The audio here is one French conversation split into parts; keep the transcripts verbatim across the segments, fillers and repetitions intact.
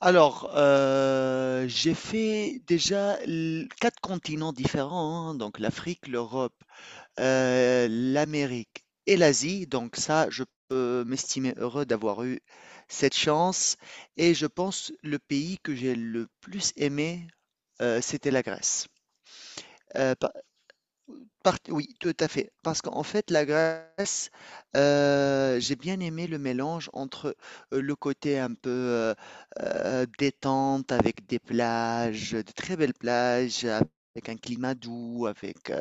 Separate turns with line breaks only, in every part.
Alors, heu, j'ai fait déjà l quatre continents différents, hein, donc l'Afrique, l'Europe, heu, l'Amérique et l'Asie. Donc ça, je peux m'estimer heureux d'avoir eu cette chance, et je pense le pays que j'ai le plus aimé, heu, c'était la Grèce. Heu, pa Part oui, tout à fait. Parce qu'en fait, la Grèce, heu, j'ai bien aimé le mélange entre, heu, le côté un peu, heu heu, détente, avec des plages, de très belles plages, avec un climat doux, avec, heu,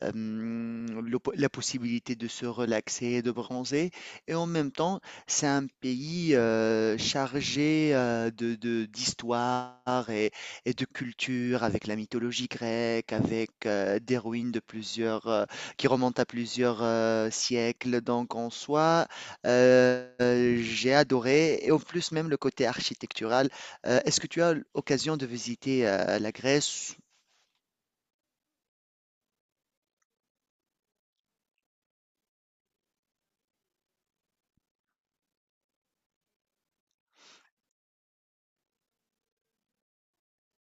hem, le po la possibilité de se relaxer, de bronzer, et en même temps, c'est un pays, heu, chargé, heu, de de d'histoire et et de culture, avec la mythologie grecque, avec euh, des ruines de plusieurs, euh, qui remontent à plusieurs euh, siècles. Donc en soi, euh, euh, j'ai adoré, et en plus même le côté architectural. Euh, est-ce que tu as l'occasion de visiter euh, la Grèce?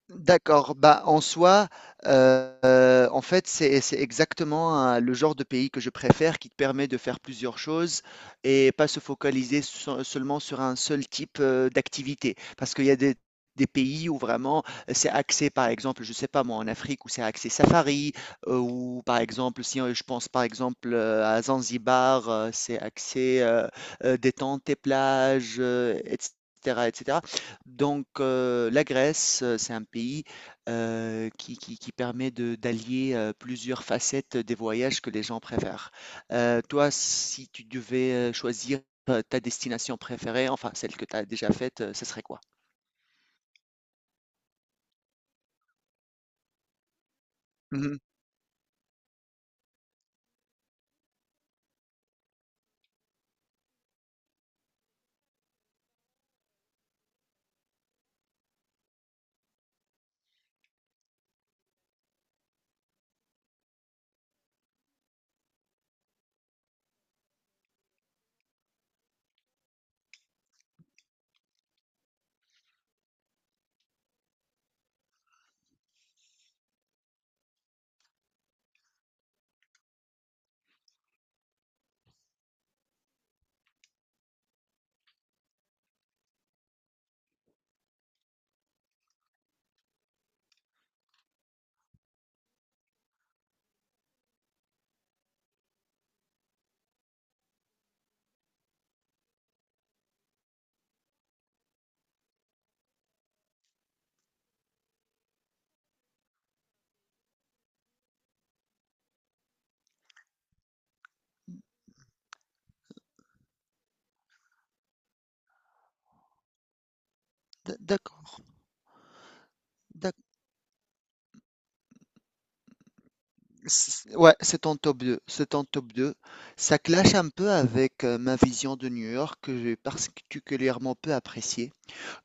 D'accord, bah, en soi, heu, en fait, c'est c'est exactement, hein, le genre de pays que je préfère, qui te permet de faire plusieurs choses et pas se focaliser se seulement sur un seul type, heu, d'activité. Parce qu'il y a des des pays où vraiment euh, c'est axé, par exemple, je sais pas moi, en Afrique, où c'est axé safari, heu, ou par exemple si, heu, je pense par exemple, heu, à Zanzibar, heu, c'est axé, heu heu, détente et plage, heu, et cetera, et cetera. Donc, heu, la Grèce, heu, c'est un pays, heu, qui qui qui permet de d'allier, heu, plusieurs facettes des voyages que les gens préfèrent. Heu, toi, si tu devais, heu, choisir, heu, ta destination préférée, enfin celle que tu as déjà faite, heu, ce serait quoi? Mmh. D d'accord, d'ac, c ouais, c'est en top deux. C'est en top deux. Ça clash un peu avec, heu, ma vision de New York, que j'ai particulièrement peu appréciée.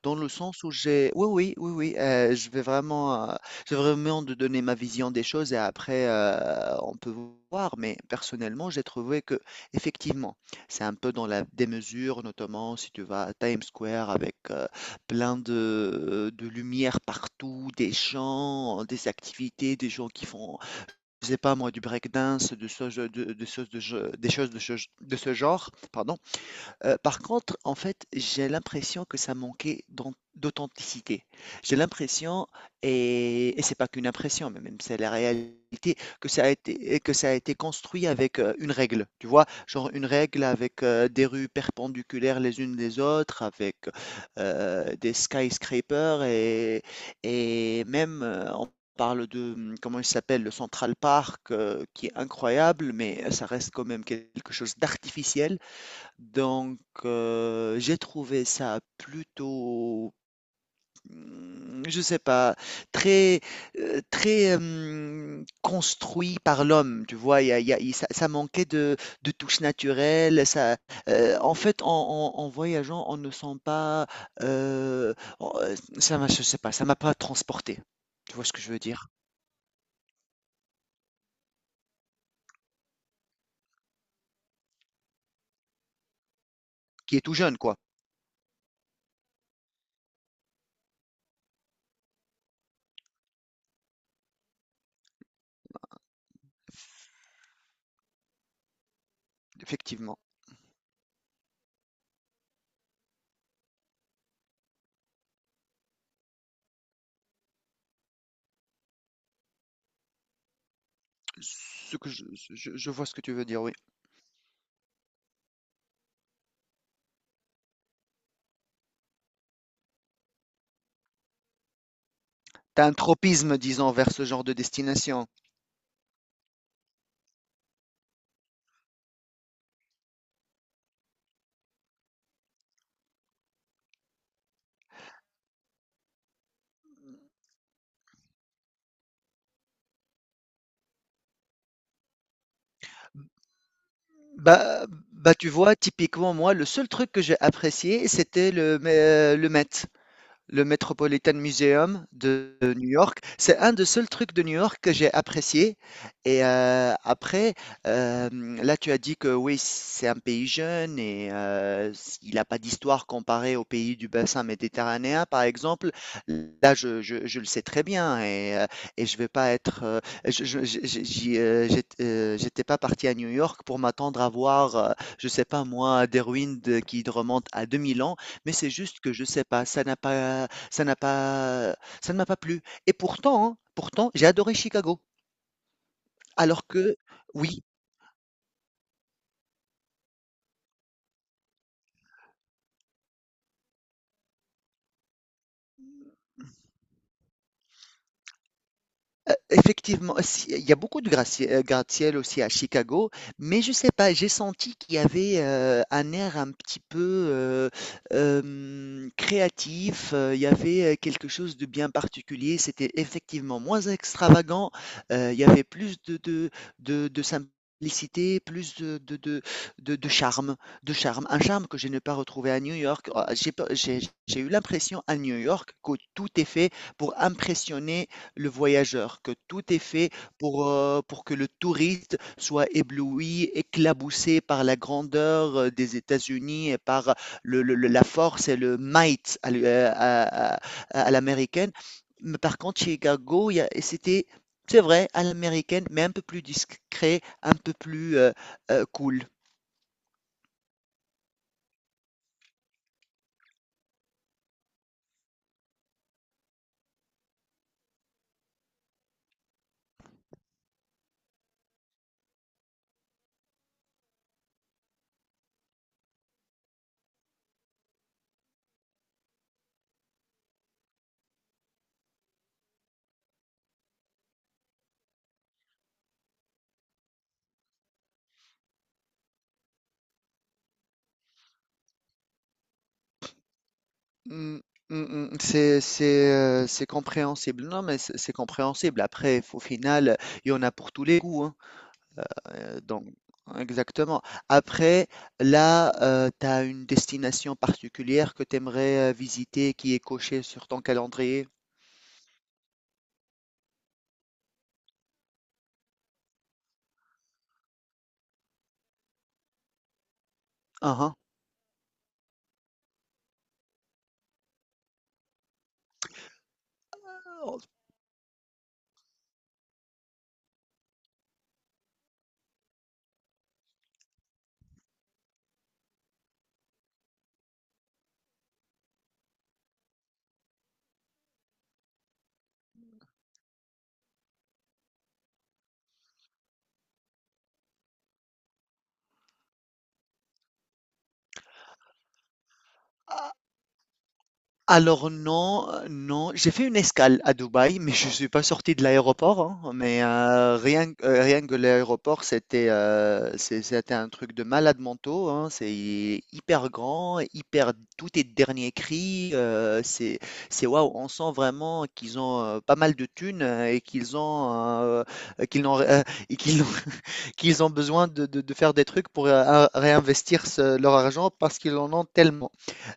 Dans le sens où j'ai oui, oui, oui, oui, heu, je vais vraiment, heu, je vais vraiment de donner ma vision des choses, et après, heu, on peut voir. Mais personnellement, j'ai trouvé que effectivement c'est un peu dans la démesure, notamment si tu vas à Times Square avec, heu, plein de de lumière partout, des chants, des activités, des gens qui font, je sais pas moi, du breakdance, de ce de de choses de je des choses de ce de ce genre, pardon. Heu, par contre, en fait, j'ai l'impression que ça manquait d'an d'authenticité. J'ai l'impression, et et c'est pas qu'une impression, mais même c'est la réalité, que ça a été que ça a été construit avec, heu, une règle, tu vois? Genre une règle avec, heu, des rues perpendiculaires les unes des autres, avec, heu, des skyscrapers et et même, heu, on parle de, mmh, comment il s'appelle? Le Central Park, heu, qui est incroyable, mais ça reste quand même quelque chose d'artificiel. Donc, heu, j'ai trouvé ça plutôt, mmh, je sais pas, très, heu, très, hem, construit par l'homme, tu vois? Il y a il y a il ça ça manquait de de touches naturelles. Ça, heu, en fait, en en en voyageant, on ne sent pas, heu, on heu, ça m'a je sais pas, ça m'a pas transporté. Tu vois ce que je veux dire? Qui est tout jeune, quoi, effectivement. Ce que je je je vois ce que tu veux dire, oui. Tu un tropisme, disons, vers ce genre de destination. Bah bah, tu vois, typiquement, moi, le seul truc que j'ai apprécié, c'était le mais, heu, le Met, le Metropolitan Museum de de New York. C'est un des seuls trucs de New York que j'ai apprécié. Et euh, après, euh, là, tu as dit que oui, c'est un pays jeune et euh, il n'a pas d'histoire comparée aux pays du bassin méditerranéen, par exemple. Là, je, je- je le sais très bien, et, euh, et je vais pas être. euh, je, je- je- j'y, euh, j'ét- euh, j'étais pas parti à New York pour m'attendre à voir, euh, je sais pas moi, des ruines de- qui remontent à deux mille ans. Mais c'est juste que je sais pas, ça n'a pas ça n'a pas ça ne m'a pas plu, et pourtant, hein, pourtant j'ai adoré Chicago. Alors que oui, effectivement, si il y a beaucoup de gratte-ciel gratte-ciel aussi à Chicago, mais je sais pas, j'ai senti qu'il y avait, heu, un air un petit peu, heu, hem, créatif, heu, il y avait, heu, quelque chose de bien particulier. C'était effectivement moins extravagant, heu, il y avait plus de de de de simplicité, plus de de de de de charme, de charme. Un charme que je n'ai pas retrouvé à New York. Oh, j'ai pas j'ai j'ai eu l'impression à New York que tout est fait pour impressionner le voyageur, que tout est fait pour, heu, pour que le touriste soit ébloui, éclaboussé par la grandeur, heu, des États-Unis et par le le le la force et le might à l'u heu, à à à l'américaine. Mais par contre, Chicago, il y a et c'était c'est vrai, à l'américaine, mais un peu plus discret, un peu plus, heu heu, cool. Mmh. Mmh mh. C'est c'est, heu, c'est compréhensible. Non, mais c'est c'est compréhensible. Après, au final, il y en a pour tous les goûts, hein. Euh, donc, exactement. Après, là, tu as une destination particulière que tu aimerais visiter, qui est cochée sur ton calendrier. Uhum. Alors non, heu, non, j'ai fait une escale à Dubaï, mais je suis pas sorti de l'aéroport, hein, mais heu, rien que euh, rien que l'aéroport, c'était, heu, c'est c'était un truc de malade mentaux, hein. C'est hyper grand, hyper tout est dernier cri, heu, c'est c'est waouh, on sent vraiment qu'ils ont, heu, pas mal de thunes, heu, et qu'ils ont, heu, qu'ils n'ont ré euh, et qu'ils ont qu'ils ont besoin de de de faire des trucs pour, heu, réinvestir ce leur argent parce qu'ils en ont tellement.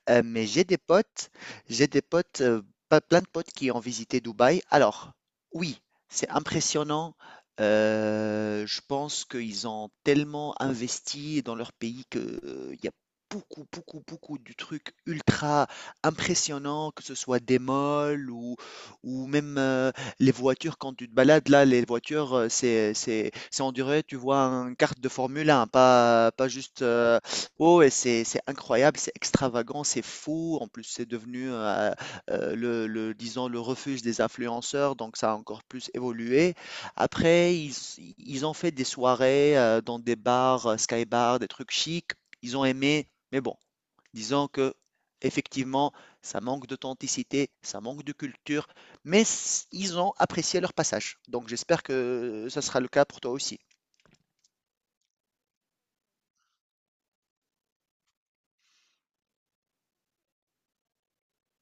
Heu, mais j'ai des potes j'ai des potes, heu, pas plein de potes qui ont visité Dubaï. Alors, oui, c'est impressionnant. Heu, je pense qu'ils ont tellement investi dans leur pays que, heu, il y a beaucoup, beaucoup, beaucoup du truc ultra impressionnant, que ce soit des malls ou ou même, heu, les voitures quand tu te balades là, les voitures, heu, c'est c'est c'est on dirait, tu vois, un kart de Formule un, pas pas juste, heu. Oh, et c'est c'est incroyable, c'est extravagant, c'est fou. En plus, c'est devenu, heu heu, le le disons le refuge des influenceurs, donc ça a encore plus évolué. Après, ils ils ont fait des soirées, heu, dans des bars, heu, sky bars, des trucs chics. Ils ont aimé, mais bon, disons que effectivement ça manque d'authenticité, ça manque de culture, mais s ils ont apprécié leur passage. Donc j'espère que euh, ça sera le cas pour toi aussi.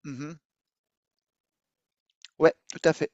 Mmh. Ouais, tout à fait.